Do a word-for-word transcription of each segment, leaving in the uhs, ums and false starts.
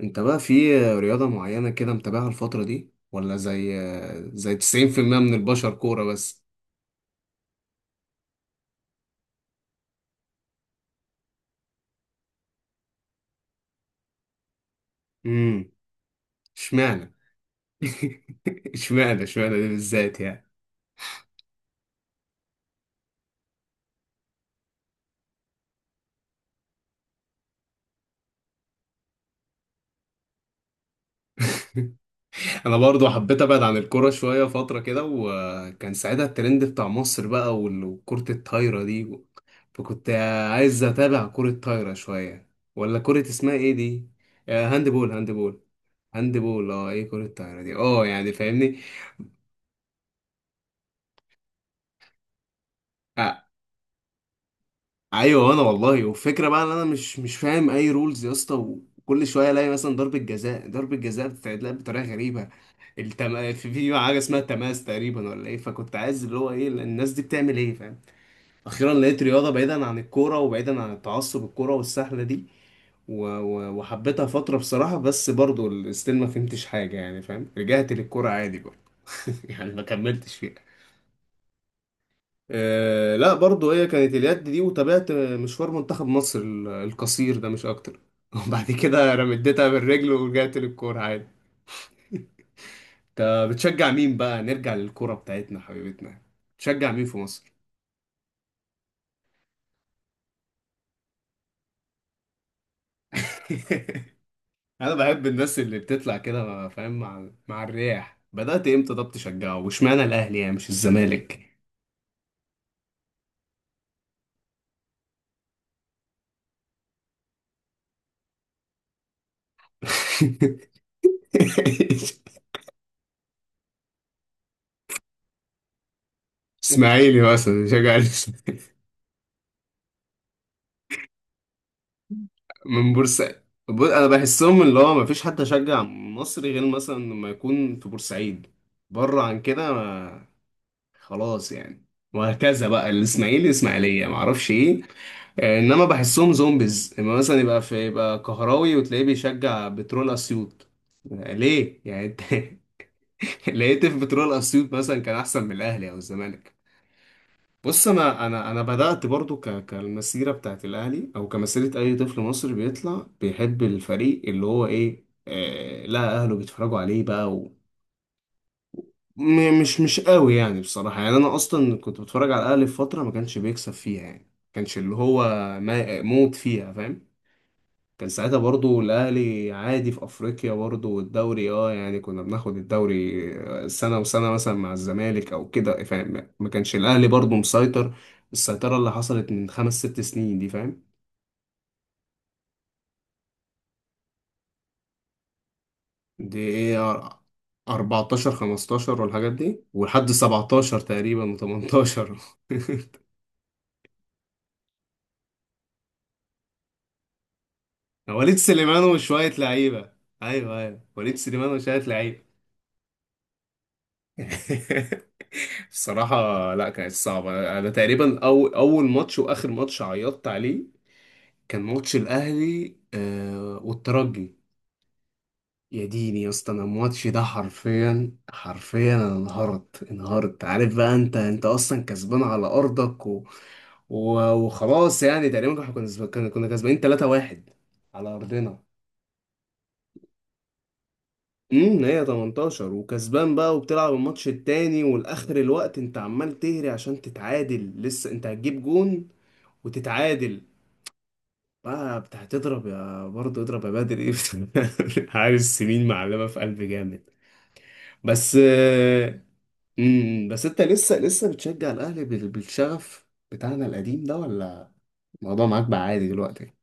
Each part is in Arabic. انت بقى في رياضة معينة كده متابعها الفترة دي، ولا زي زي تسعين في المية من البشر كورة بس؟ امم اشمعنى؟ اشمعنى اشمعنى دي بالذات يعني؟ انا برضو حبيت ابعد عن الكورة شوية فترة كده، وكان ساعتها الترند بتاع مصر بقى، وال- وكرة الطايرة دي. فكنت عايز اتابع كرة طايرة شوية، ولا كرة اسمها ايه دي؟ آه، هاند بول. هاند بول هاند بول اه، ايه كرة الطايرة دي؟ اه يعني، فاهمني؟ آه، ايوه. انا والله، والفكره بقى، ان انا مش مش فاهم اي رولز يا اسطى. وكل شويه الاقي مثلا ضربه جزاء، ضربه جزاء بتتلعب بطريقه غريبه. التم... في في حاجه اسمها تماس تقريبا ولا ايه. فكنت عايز اللي هو ايه الناس دي بتعمل ايه، فاهم؟ اخيرا لقيت رياضه بعيدا عن الكوره وبعيدا عن التعصب الكوره والسهله دي. و... و... وحبيتها فتره بصراحه، بس برضو ال- ستيل ما فهمتش حاجه يعني فاهم، رجعت للكوره عادي بقى. يعني ما كملتش فيها. آه لا، برضو هي كانت اليد دي، وتابعت مشوار منتخب مصر ال- القصير ده مش اكتر. وبعد كده رمدتها بالرجل ورجعت للكورة عادي. انت بتشجع مين بقى، نرجع للكورة بتاعتنا حبيبتنا؟ بتشجع مين في مصر؟ انا بحب الناس اللي بتطلع كده فاهم، مع مع الرياح. بدأت امتى طب تشجعه؟ واشمعنى الاهلي يعني مش الزمالك؟ اسماعيلي مثلا شجع، من بورسعيد. بص، انا بحسهم اللي هو مفيش حد يشجع مصري غير مثلا لما يكون في بورسعيد. بره عن كده ما- خلاص يعني. وهكذا بقى الاسماعيلي، اسماعيليه، معرفش ايه. آه، انما بحسهم زومبيز اما مثلا يبقى في، يبقى كهراوي وتلاقيه بيشجع بترول اسيوط. آه، ليه يعني انت؟ لقيت في بترول اسيوط مثلا كان احسن من الاهلي او الزمالك؟ بص، انا انا انا بدات برضو ك كالمسيره بتاعت الاهلي، او كمسيره اي طفل مصري بيطلع بيحب الفريق اللي هو ايه، آه لا اهله بيتفرجوا عليه بقى و... م- مش مش قوي يعني بصراحه. يعني انا اصلا كنت بتفرج على الاهلي في فتره ما كانش بيكسب فيها، يعني ما كانش اللي هو ما موت فيها، فاهم؟ كان ساعتها برضو الأهلي عادي في أفريقيا، برضو والدوري اه يعني كنا بناخد الدوري، آه، سنة وسنة مثلا مع الزمالك أو كده، فاهم؟ ما كانش الأهلي برضو مسيطر السيطرة اللي حصلت من خمس ست سنين دي، فاهم؟ دي ايه، أر- اربعتاشر، خمستاشر والحاجات دي، ولحد سبعتاشر تقريبا و18. وليد سليمان وشوية لعيبة. أيوه أيوه، وليد سليمان وشوية لعيبة. بصراحة لا كانت صعبة. أنا تقريبا أو أول ماتش وآخر ماتش عيطت عليه، كان ماتش الأهلي آه والترجي. يا ديني يا اسطى، أنا الماتش ده حرفيا، حرفيا، أنا انهارت انهارت. عارف بقى؟ أنت أنت أصلا كسبان على أرضك، و... و... وخلاص يعني. تقريبا احنا كنا كنا كنا كسبانين ثلاثة واحد على أرضنا. امم هي تمنتاشر. وكسبان بقى، وبتلعب الماتش التاني والاخر الوقت انت عمال تهري عشان تتعادل، لسه انت هتجيب جون وتتعادل. بقى بتاع تضرب يا برضه، اضرب يا بدر، ايه بس؟ حارس سمين معلمه في قلب جامد. بس آه، مم، بس انت لسه لسه بتشجع الاهلي بال- بالشغف بتاعنا القديم ده، ولا الموضوع معاك بقى عادي دلوقتي؟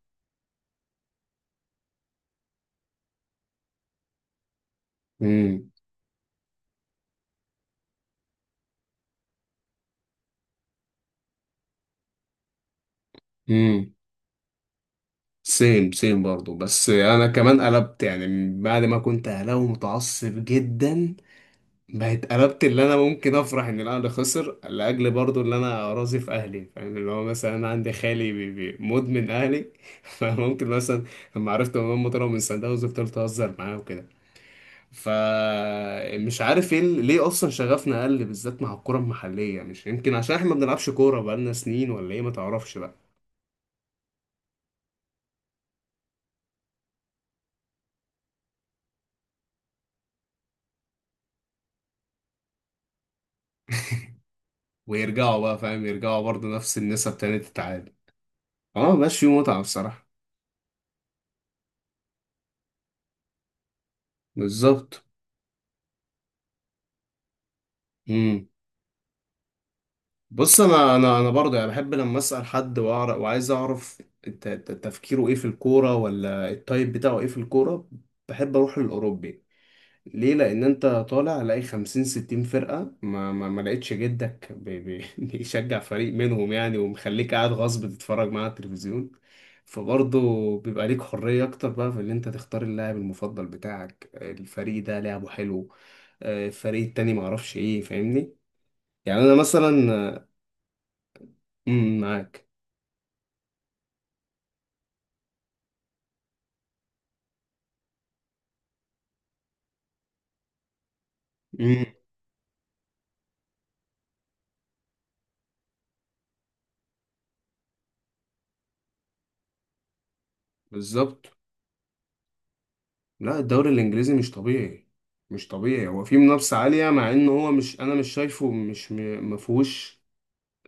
امم امم سيم سيم برضه. بس انا كمان قلبت يعني، بعد ما كنت اهلاوي متعصب جدا، بقت قلبت. اللي انا ممكن افرح ان الاهلي خسر، لاجل برضو اللي انا راضي في اهلي، فاهم؟ اللي هو مثلا انا عندي خالي بي بي مدمن اهلي. فممكن مثلا لما عرفت ان هم طلعوا من سان داونز، فضلت اهزر معاه وكده. فمش عارف ايه ال- ليه اصلا شغفنا قل بالذات مع الكره المحليه؟ مش يمكن عشان احنا ما بنلعبش كوره بقالنا سنين، ولا ايه، ما تعرفش بقى. ويرجعوا بقى فاهم، يرجعوا برضو نفس النسب تاني تتعادل. اه ماشي، متعه بصراحه. بالظبط. مم. بص، انا انا انا برضه يعني بحب لما اسال حد واعرف، وعايز اعرف الت- الت- تفكيره ايه في الكوره، ولا التايب بتاعه ايه في الكوره. بحب اروح للاوروبي. ليه؟ لان انت طالع لاقي خمسين، ستين فرقه، ما ما, ما لقيتش جدك بي بي بيشجع فريق منهم يعني، ومخليك قاعد غصب تتفرج معاه على التلفزيون. فبرضه بيبقى ليك حريه اكتر بقى في ان انت تختار اللاعب المفضل بتاعك، الفريق ده لعبه حلو، آه، الفريق التاني، معرفش ايه، فاهمني؟ يعني انا مثلا، امم معاك. امم بالظبط. لا الدوري الانجليزي مش طبيعي، مش طبيعي. هو فيه منافسه عاليه، مع ان هو مش، انا مش شايفه مش م- مفهوش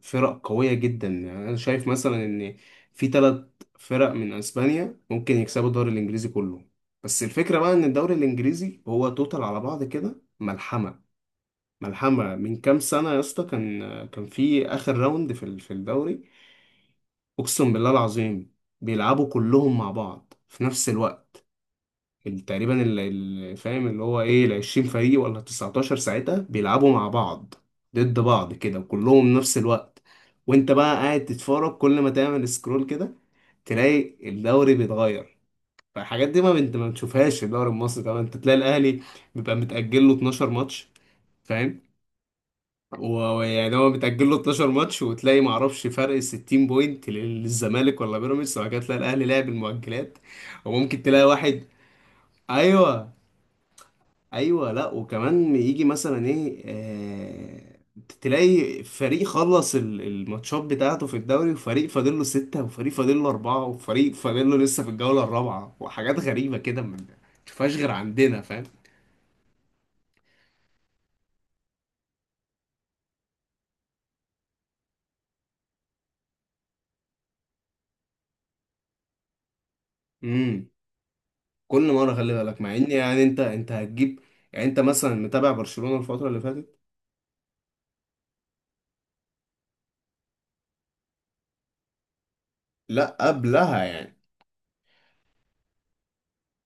فرق قويه جدا. يعني انا شايف مثلا ان في ثلاث فرق من اسبانيا ممكن يكسبوا الدوري الانجليزي كله. بس الفكره بقى ان الدوري الانجليزي هو توتال على بعض كده ملحمه. ملحمة من كام سنة يا اسطى، كان كان في آخر راوند في ال- في الدوري، أقسم بالله العظيم، بيلعبوا كلهم مع بعض في نفس الوقت. ال- تقريبا ال- ال- فاهم اللي هو إيه، العشرين فريق ولا التسعتاشر ساعتها، بيلعبوا مع بعض ضد بعض كده وكلهم نفس الوقت. وأنت بقى قاعد تتفرج، كل ما تعمل سكرول كده تلاقي الدوري بيتغير. فالحاجات دي ما انت ما بتشوفهاش في الدوري المصري طبعا. انت تلاقي الاهلي بيبقى متأجل له اتناشر ماتش، فاهم؟ ويعني هو بتأجل له اتناشر ماتش، وتلاقي معرفش فرق ستين بوينت للزمالك ولا بيراميدز، وبعد كده تلاقي الأهلي لعب المؤجلات وممكن تلاقي واحد. أيوه أيوه، لأ، وكمان يجي مثلا إيه آه، تلاقي فريق خلص ال- الماتشات بتاعته في الدوري، وفريق فاضل له ستة، وفريق فاضل له أربعة، وفريق فاضل له لسه في الجولة الرابعة، وحاجات غريبة كده ما تشوفهاش غير عندنا، فاهم؟ كل مره خلي بالك، مع ان يعني انت انت هتجيب، يعني انت مثلا متابع برشلونه الفتره اللي فاتت؟ لا قبلها يعني.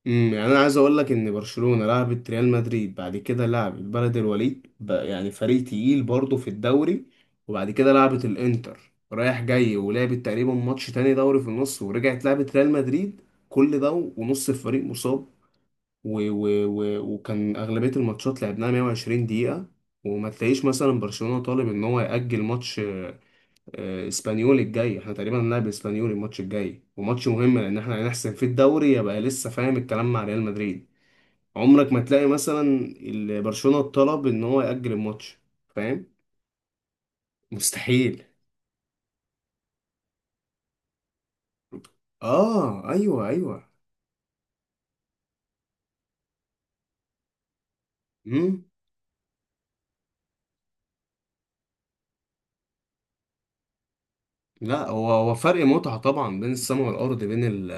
امم يعني انا عايز اقول لك ان برشلونه لعبت ريال مدريد، بعد كده لعبت بلد الوليد بقى، يعني فريق تقيل برضه في الدوري، وبعد كده لعبت الانتر رايح جاي، ولعبت تقريبا ماتش تاني دوري في النص، ورجعت لعبت ريال مدريد. كل ده ونص الفريق مصاب. و و و وكان اغلبيه الماتشات لعبناها مائة وعشرين دقيقه. وما تلاقيش مثلا برشلونة طالب ان هو يأجل ماتش. آه، اسبانيول الجاي، احنا تقريبا هنلعب اسبانيول الماتش الجاي، وماتش مهم لان احنا هنحسم في الدوري، يبقى لسه فاهم الكلام مع ريال مدريد. عمرك ما تلاقي مثلا ال- برشلونة طلب ان هو يأجل الماتش، فاهم؟ مستحيل. اه ايوه ايوه. امم لا، هو هو فرق متعة طبعا بين السما والارض، بين ال...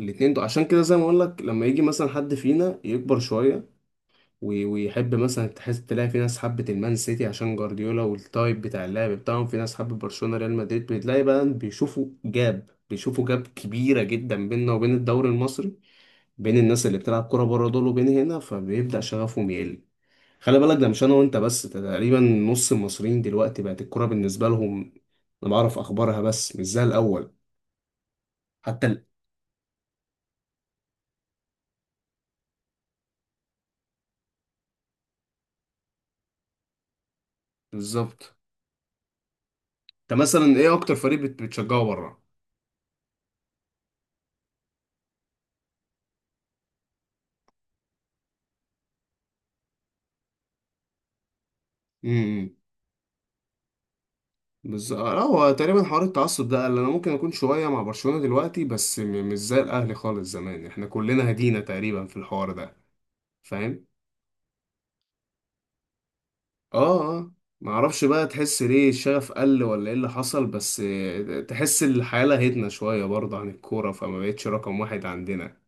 الاتنين دول. عشان كده زي ما اقول لك، لما يجي مثلا حد فينا يكبر شوية و- ويحب مثلا، تحس تلاقي في ناس حبت المان سيتي عشان جوارديولا والتايب بتاع اللعب بتاعهم، في ناس حبت برشلونة، ريال مدريد، بتلاقي بقى بيشوفوا جاب، بيشوفوا جاب كبيرة جدا بيننا وبين الدوري المصري، بين الناس اللي بتلعب كرة بره دول وبين هنا، فبيبدأ شغفهم يقل. خلي بالك ده مش انا وانت بس، ده تقريبا نص المصريين دلوقتي بقت الكرة بالنسبة لهم، انا بعرف اخبارها بس مش زي الاول. حتى ال... بالظبط. انت مثلا ايه اكتر فريق بت- بتشجعه بره؟ بس آه، لا، هو تقريبا حوار التعصب ده قال. انا ممكن اكون شويه مع برشلونه دلوقتي، بس م- مش زي الاهلي خالص زمان، احنا كلنا هدينا تقريبا في الحوار ده، فاهم؟ اه اه. ما اعرفش بقى، تحس ليه الشغف قل ولا ايه اللي حصل؟ بس آه، تحس الحياه لهتنا شويه برضه عن الكوره، فما بقتش رقم واحد عندنا.